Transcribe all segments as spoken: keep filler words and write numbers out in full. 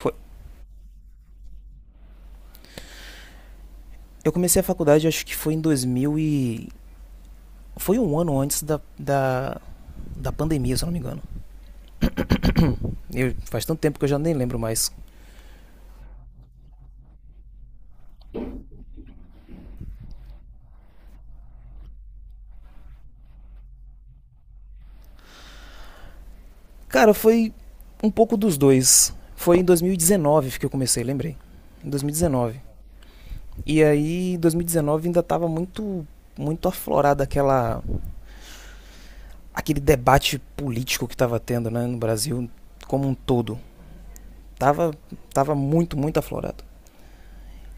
Foi- Eu comecei a faculdade, acho que foi em dois mil e... foi um ano antes da, da, da pandemia, se eu não me engano. Eu faz tanto tempo que eu já nem lembro mais. Cara, foi um pouco dos dois. Foi em dois mil e dezenove que eu comecei, lembrei. Em dois mil e dezenove. E dezenove. E aí, em dois mil e dezenove ainda tava muito muito aflorada aquela aquele debate político que tava tendo, né, no Brasil como um todo. Tava tava muito, muito aflorado.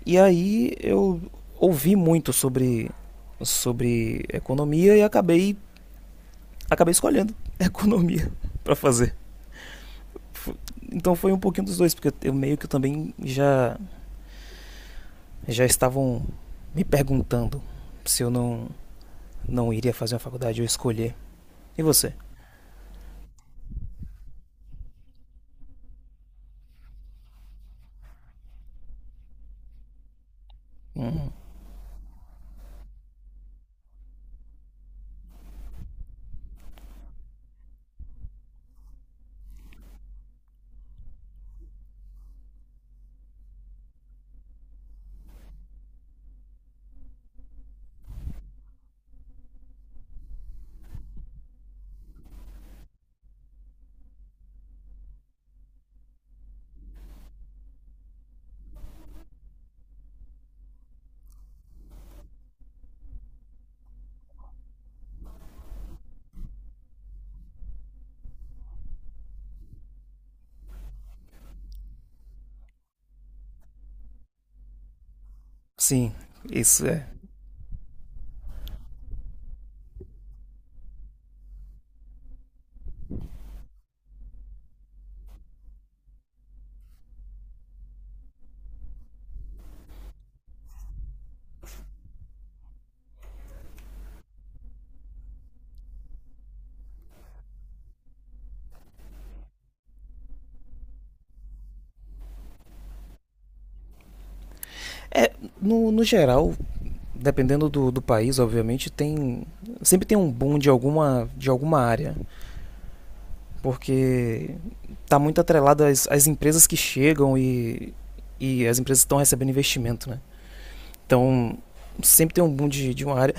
E aí eu ouvi muito sobre, sobre economia e acabei, acabei escolhendo economia para fazer. Então foi um pouquinho dos dois, porque eu meio que também já, já estavam me perguntando se eu não, não iria fazer uma faculdade ou escolher. E você? Hum, sim, isso é. É, no, no geral, dependendo do, do país, obviamente, tem. Sempre tem um boom de alguma, de alguma área. Porque está muito atrelado às, às empresas que chegam e, e as empresas estão recebendo investimento, né? Então, sempre tem um boom de, de uma área.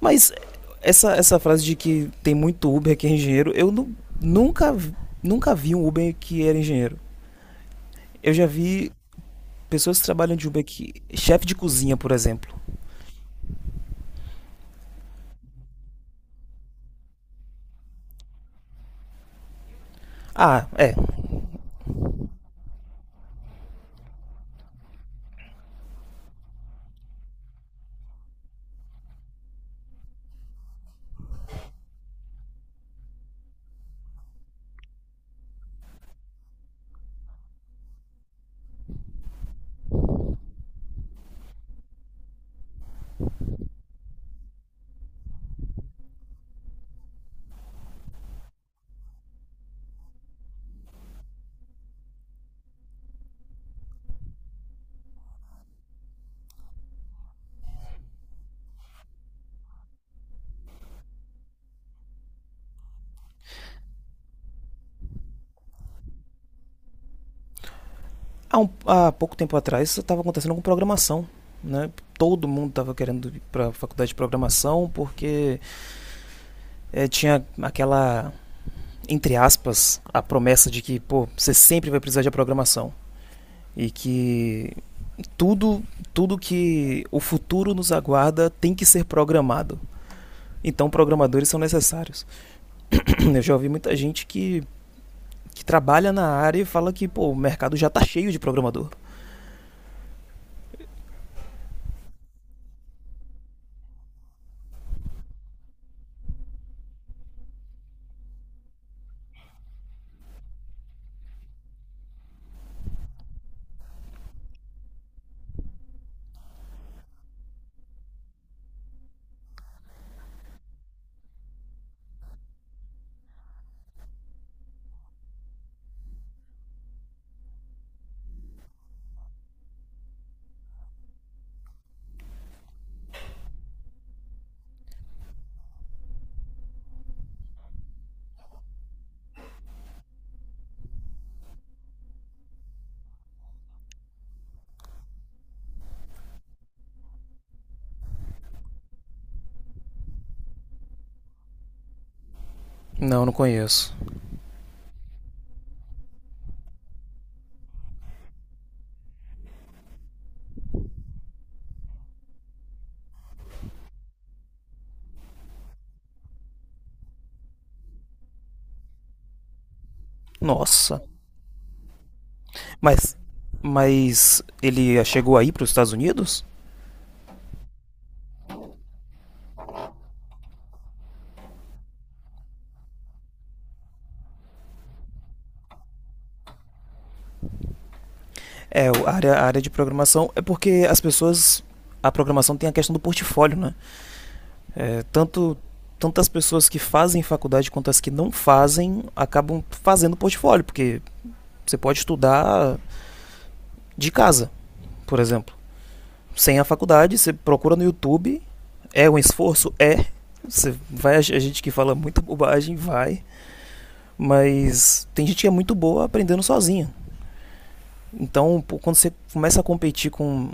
Mas essa, essa frase de que tem muito Uber que é engenheiro, eu nu, nunca, nunca vi um Uber que era engenheiro. Eu já vi pessoas que trabalham de Uber que... chefe de cozinha, por exemplo. Ah, é. Há, um, há pouco tempo atrás isso estava acontecendo com programação. Né? Todo mundo estava querendo ir para a faculdade de programação porque é, tinha aquela, entre aspas, a promessa de que, pô, você sempre vai precisar de programação. E que tudo, tudo que o futuro nos aguarda tem que ser programado. Então, programadores são necessários. Eu já ouvi muita gente que, que trabalha na área e fala que, pô, o mercado já tá cheio de programador. Não, não conheço. Nossa. Mas, mas ele chegou aí para os Estados Unidos? É, o- a área, a área de programação é porque as pessoas. A programação tem a questão do portfólio, né? É, tanto, Tanto as pessoas que fazem faculdade quanto as que não fazem acabam fazendo portfólio, porque você pode estudar de casa, por exemplo. Sem a faculdade, você procura no YouTube, é um esforço? É. Você vai, a gente que fala muita bobagem, vai. Mas tem gente que é muito boa aprendendo sozinha. Então, quando você começa a competir com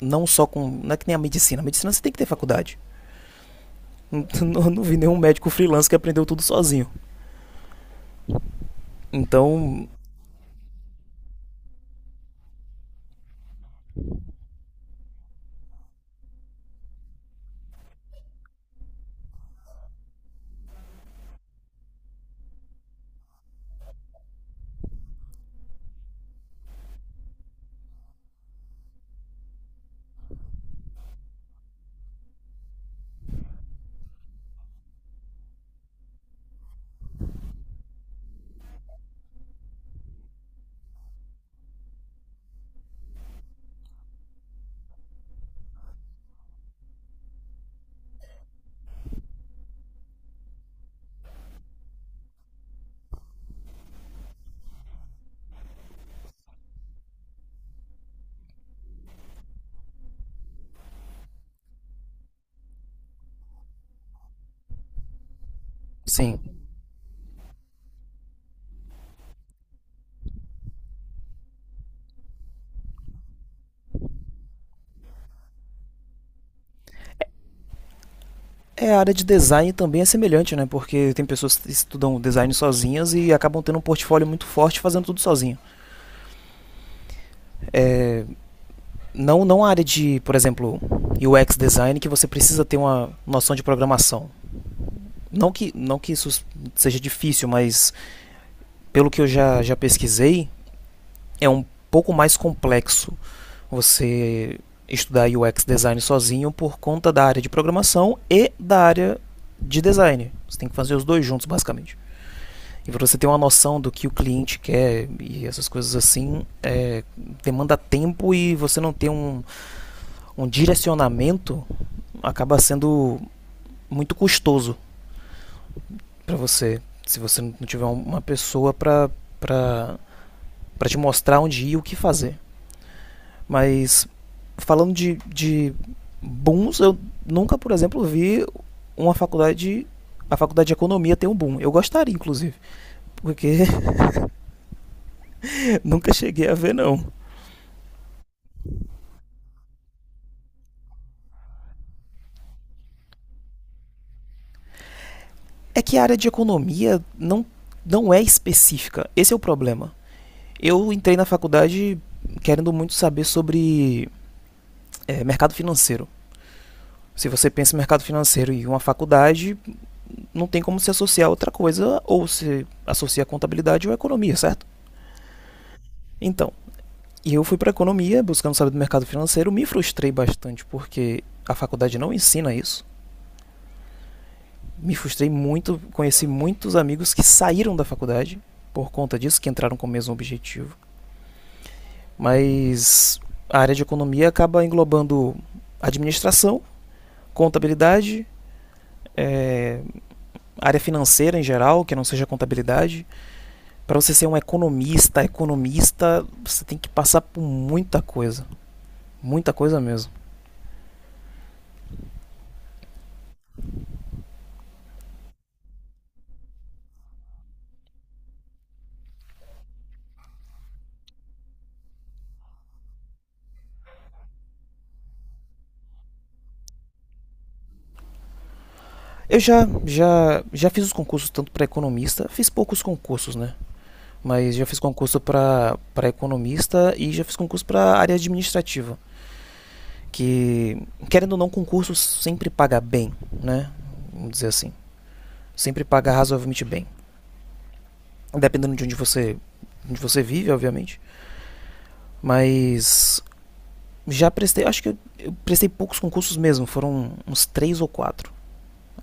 não só com. Não é que nem a medicina. A medicina você tem que ter faculdade. Não, não vi nenhum médico freelance que aprendeu tudo sozinho. Então, sim. É, a área de design também é semelhante, né? Porque tem pessoas que estudam design sozinhas e acabam tendo um portfólio muito forte fazendo tudo sozinho. Não, não a área de, por exemplo, U X design que você precisa ter uma noção de programação. Não que, não que isso seja difícil, mas pelo que eu já, já pesquisei, é um pouco mais complexo você estudar U X design sozinho por conta da área de programação e da área de design. Você tem que fazer os dois juntos, basicamente. E para você ter uma noção do que o cliente quer e essas coisas assim, é, demanda tempo e você não ter um, um direcionamento acaba sendo muito custoso para você, se você não tiver uma pessoa para para te mostrar onde ir e o que fazer. Mas falando de, de booms, eu nunca, por exemplo, vi uma faculdade. A faculdade de economia ter um boom. Eu gostaria, inclusive, porque nunca cheguei a ver, não. É que a área de economia não, não é específica. Esse é o problema. Eu entrei na faculdade querendo muito saber sobre é, mercado financeiro. Se você pensa em mercado financeiro e uma faculdade, não tem como se associar a outra coisa, ou se associar a contabilidade ou a economia, certo? Então, e eu fui para economia, buscando saber do mercado financeiro, me frustrei bastante porque a faculdade não ensina isso. Me frustrei muito, conheci muitos amigos que saíram da faculdade por conta disso, que entraram com o mesmo objetivo. Mas a área de economia acaba englobando administração, contabilidade, é, área financeira em geral, que não seja contabilidade. Para você ser um economista, economista, você tem que passar por muita coisa, muita coisa mesmo. Eu já, já, já fiz os concursos tanto para economista, fiz poucos concursos, né? Mas já fiz concurso para economista e já fiz concurso para área administrativa, que querendo ou não concurso sempre paga bem, né? Vamos dizer assim, sempre paga razoavelmente bem, dependendo de onde você, onde você vive, obviamente. Mas já prestei, acho que eu, eu prestei poucos concursos mesmo, foram uns três ou quatro,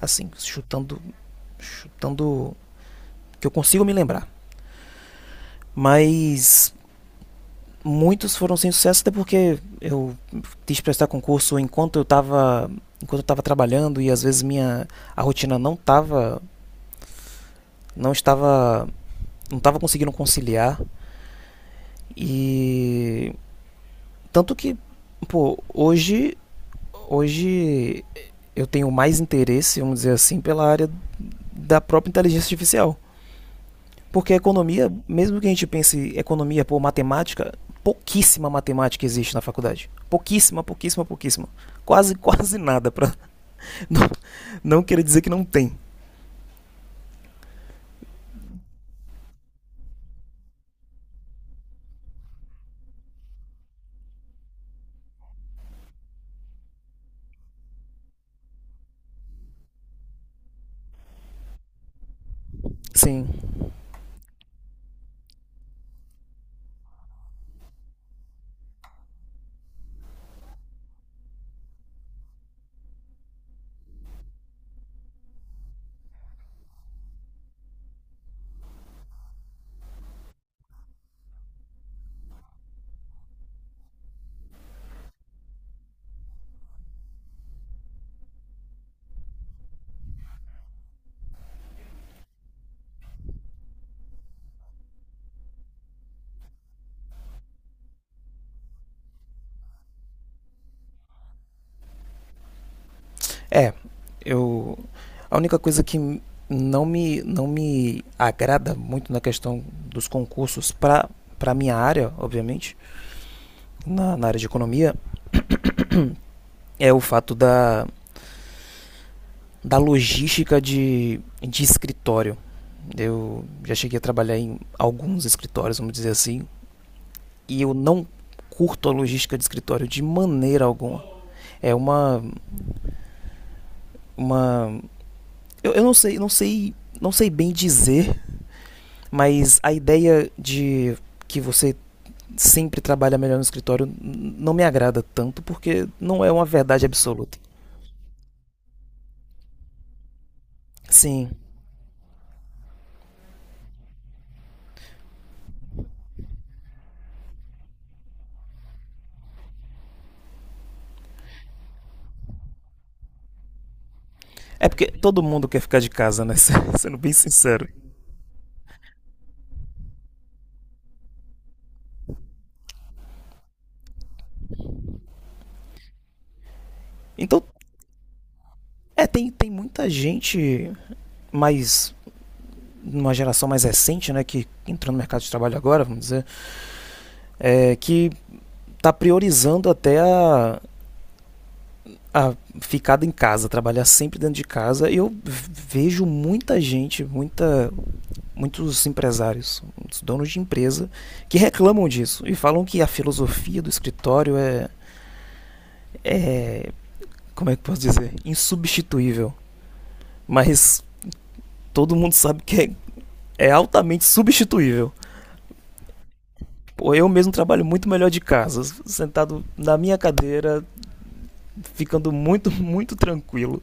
assim, chutando, chutando que eu consigo me lembrar. Mas muitos foram sem sucesso, até porque eu quis prestar concurso enquanto eu estava enquanto eu estava trabalhando e às vezes minha a rotina não tava não estava não estava conseguindo conciliar e tanto que pô, hoje hoje eu tenho mais interesse, vamos dizer assim, pela área da própria inteligência artificial. Porque a economia, mesmo que a gente pense economia por matemática, pouquíssima matemática existe na faculdade. Pouquíssima, pouquíssima, pouquíssima. Quase, quase nada, para não, não querer dizer que não tem. Sim. É, eu a única coisa que não me não me agrada muito na questão dos concursos para para minha área, obviamente, na, na área de economia, é o fato da da logística de, de escritório. Eu já cheguei a trabalhar em alguns escritórios, vamos dizer assim, e eu não curto a logística de escritório de maneira alguma. É uma uma eu, eu não sei, não sei, não sei bem dizer, mas a ideia de que você sempre trabalha melhor no escritório não me agrada tanto porque não é uma verdade absoluta. Sim. É porque todo mundo quer ficar de casa, né? Sendo bem sincero. Então é, tem, tem muita gente mais numa geração mais recente, né? Que entrou no mercado de trabalho agora, vamos dizer. É, que está priorizando até a, a ficada em casa, trabalhar sempre dentro de casa. Eu vejo muita gente, muita, muitos empresários, muitos donos de empresa, que reclamam disso e falam que a filosofia do escritório é, é como é que eu posso dizer, insubstituível. Mas todo mundo sabe que é, é altamente substituível. Pô, eu mesmo trabalho muito melhor de casa, sentado na minha cadeira, ficando muito, muito tranquilo.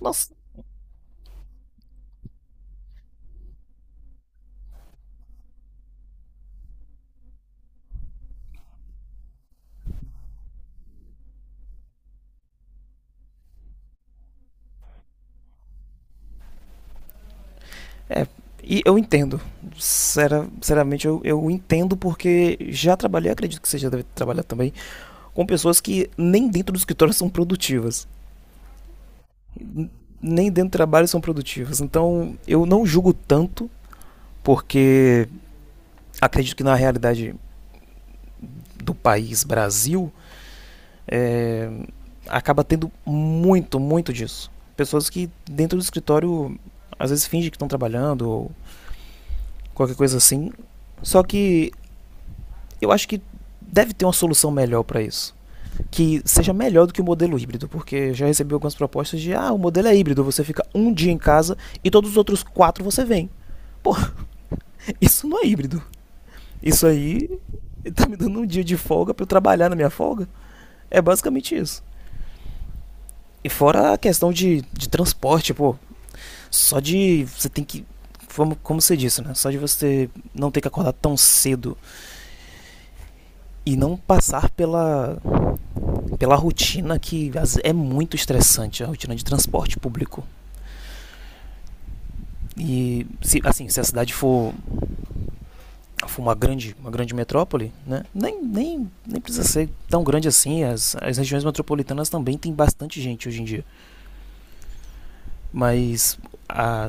Nossa, e eu entendo. Sera- Sinceramente, eu, eu entendo porque já trabalhei, acredito que você já deve trabalhar também, com pessoas que nem dentro do escritório são produtivas. N- Nem dentro do trabalho são produtivas. Então, eu não julgo tanto, porque acredito que na realidade do país Brasil, é, acaba tendo muito, muito disso. Pessoas que dentro do escritório às vezes fingem que estão trabalhando ou qualquer coisa assim. Só que eu acho que deve ter uma solução melhor para isso, que seja melhor do que o modelo híbrido, porque já recebi algumas propostas de ah, o modelo é híbrido, você fica um dia em casa e todos os outros quatro você vem. Pô, isso não é híbrido. Isso aí tá me dando um dia de folga para eu trabalhar na minha folga. É basicamente isso. E fora a questão de, de transporte, pô. Só de você tem que como, você disse, né? Só de você não ter que acordar tão cedo e não passar pela, pela rotina que é muito estressante, a rotina de transporte público. E se, assim, se a cidade for, for uma grande, uma grande metrópole, né? Nem, nem, nem precisa ser tão grande assim. As, as regiões metropolitanas também tem bastante gente hoje em dia. Mas a,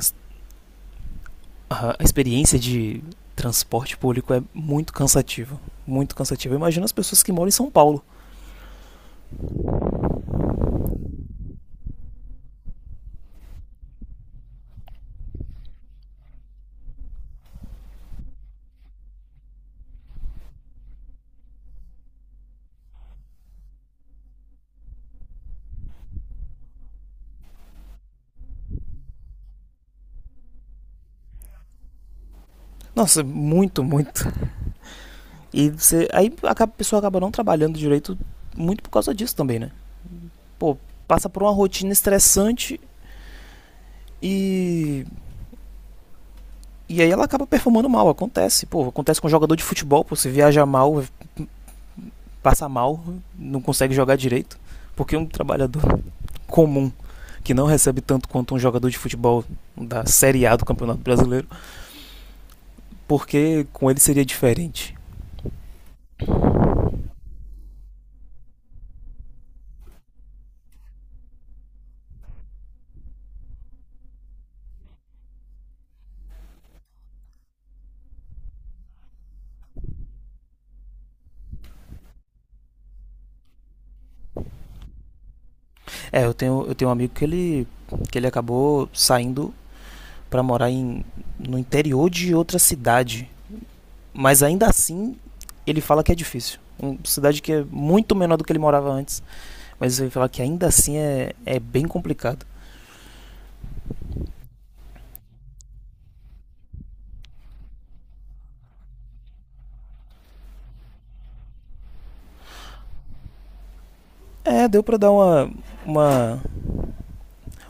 a experiência de transporte público é muito cansativa. Muito cansativa. Imagina as pessoas que moram em São Paulo. Nossa, muito, muito. E você, aí a pessoa acaba não trabalhando direito muito por causa disso também, né? Pô, passa por uma rotina estressante e e aí ela acaba performando mal, acontece. Pô, acontece com um jogador de futebol, pô, você viaja mal, passa mal, não consegue jogar direito, porque um trabalhador comum que não recebe tanto quanto um jogador de futebol da Série A do Campeonato Brasileiro porque com ele seria diferente. É, eu tenho, eu tenho um amigo que ele, que ele acabou saindo para morar em, no interior de outra cidade. Mas ainda assim, ele fala que é difícil. Uma cidade que é muito menor do que ele morava antes. Mas ele fala que ainda assim é, é bem complicado. É, deu pra dar uma, uma,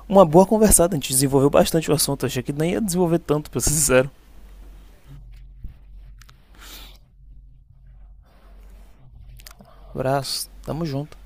uma boa conversada. A gente desenvolveu bastante o assunto. Achei que nem ia desenvolver tanto, pra ser sincero. Abraço, tamo junto.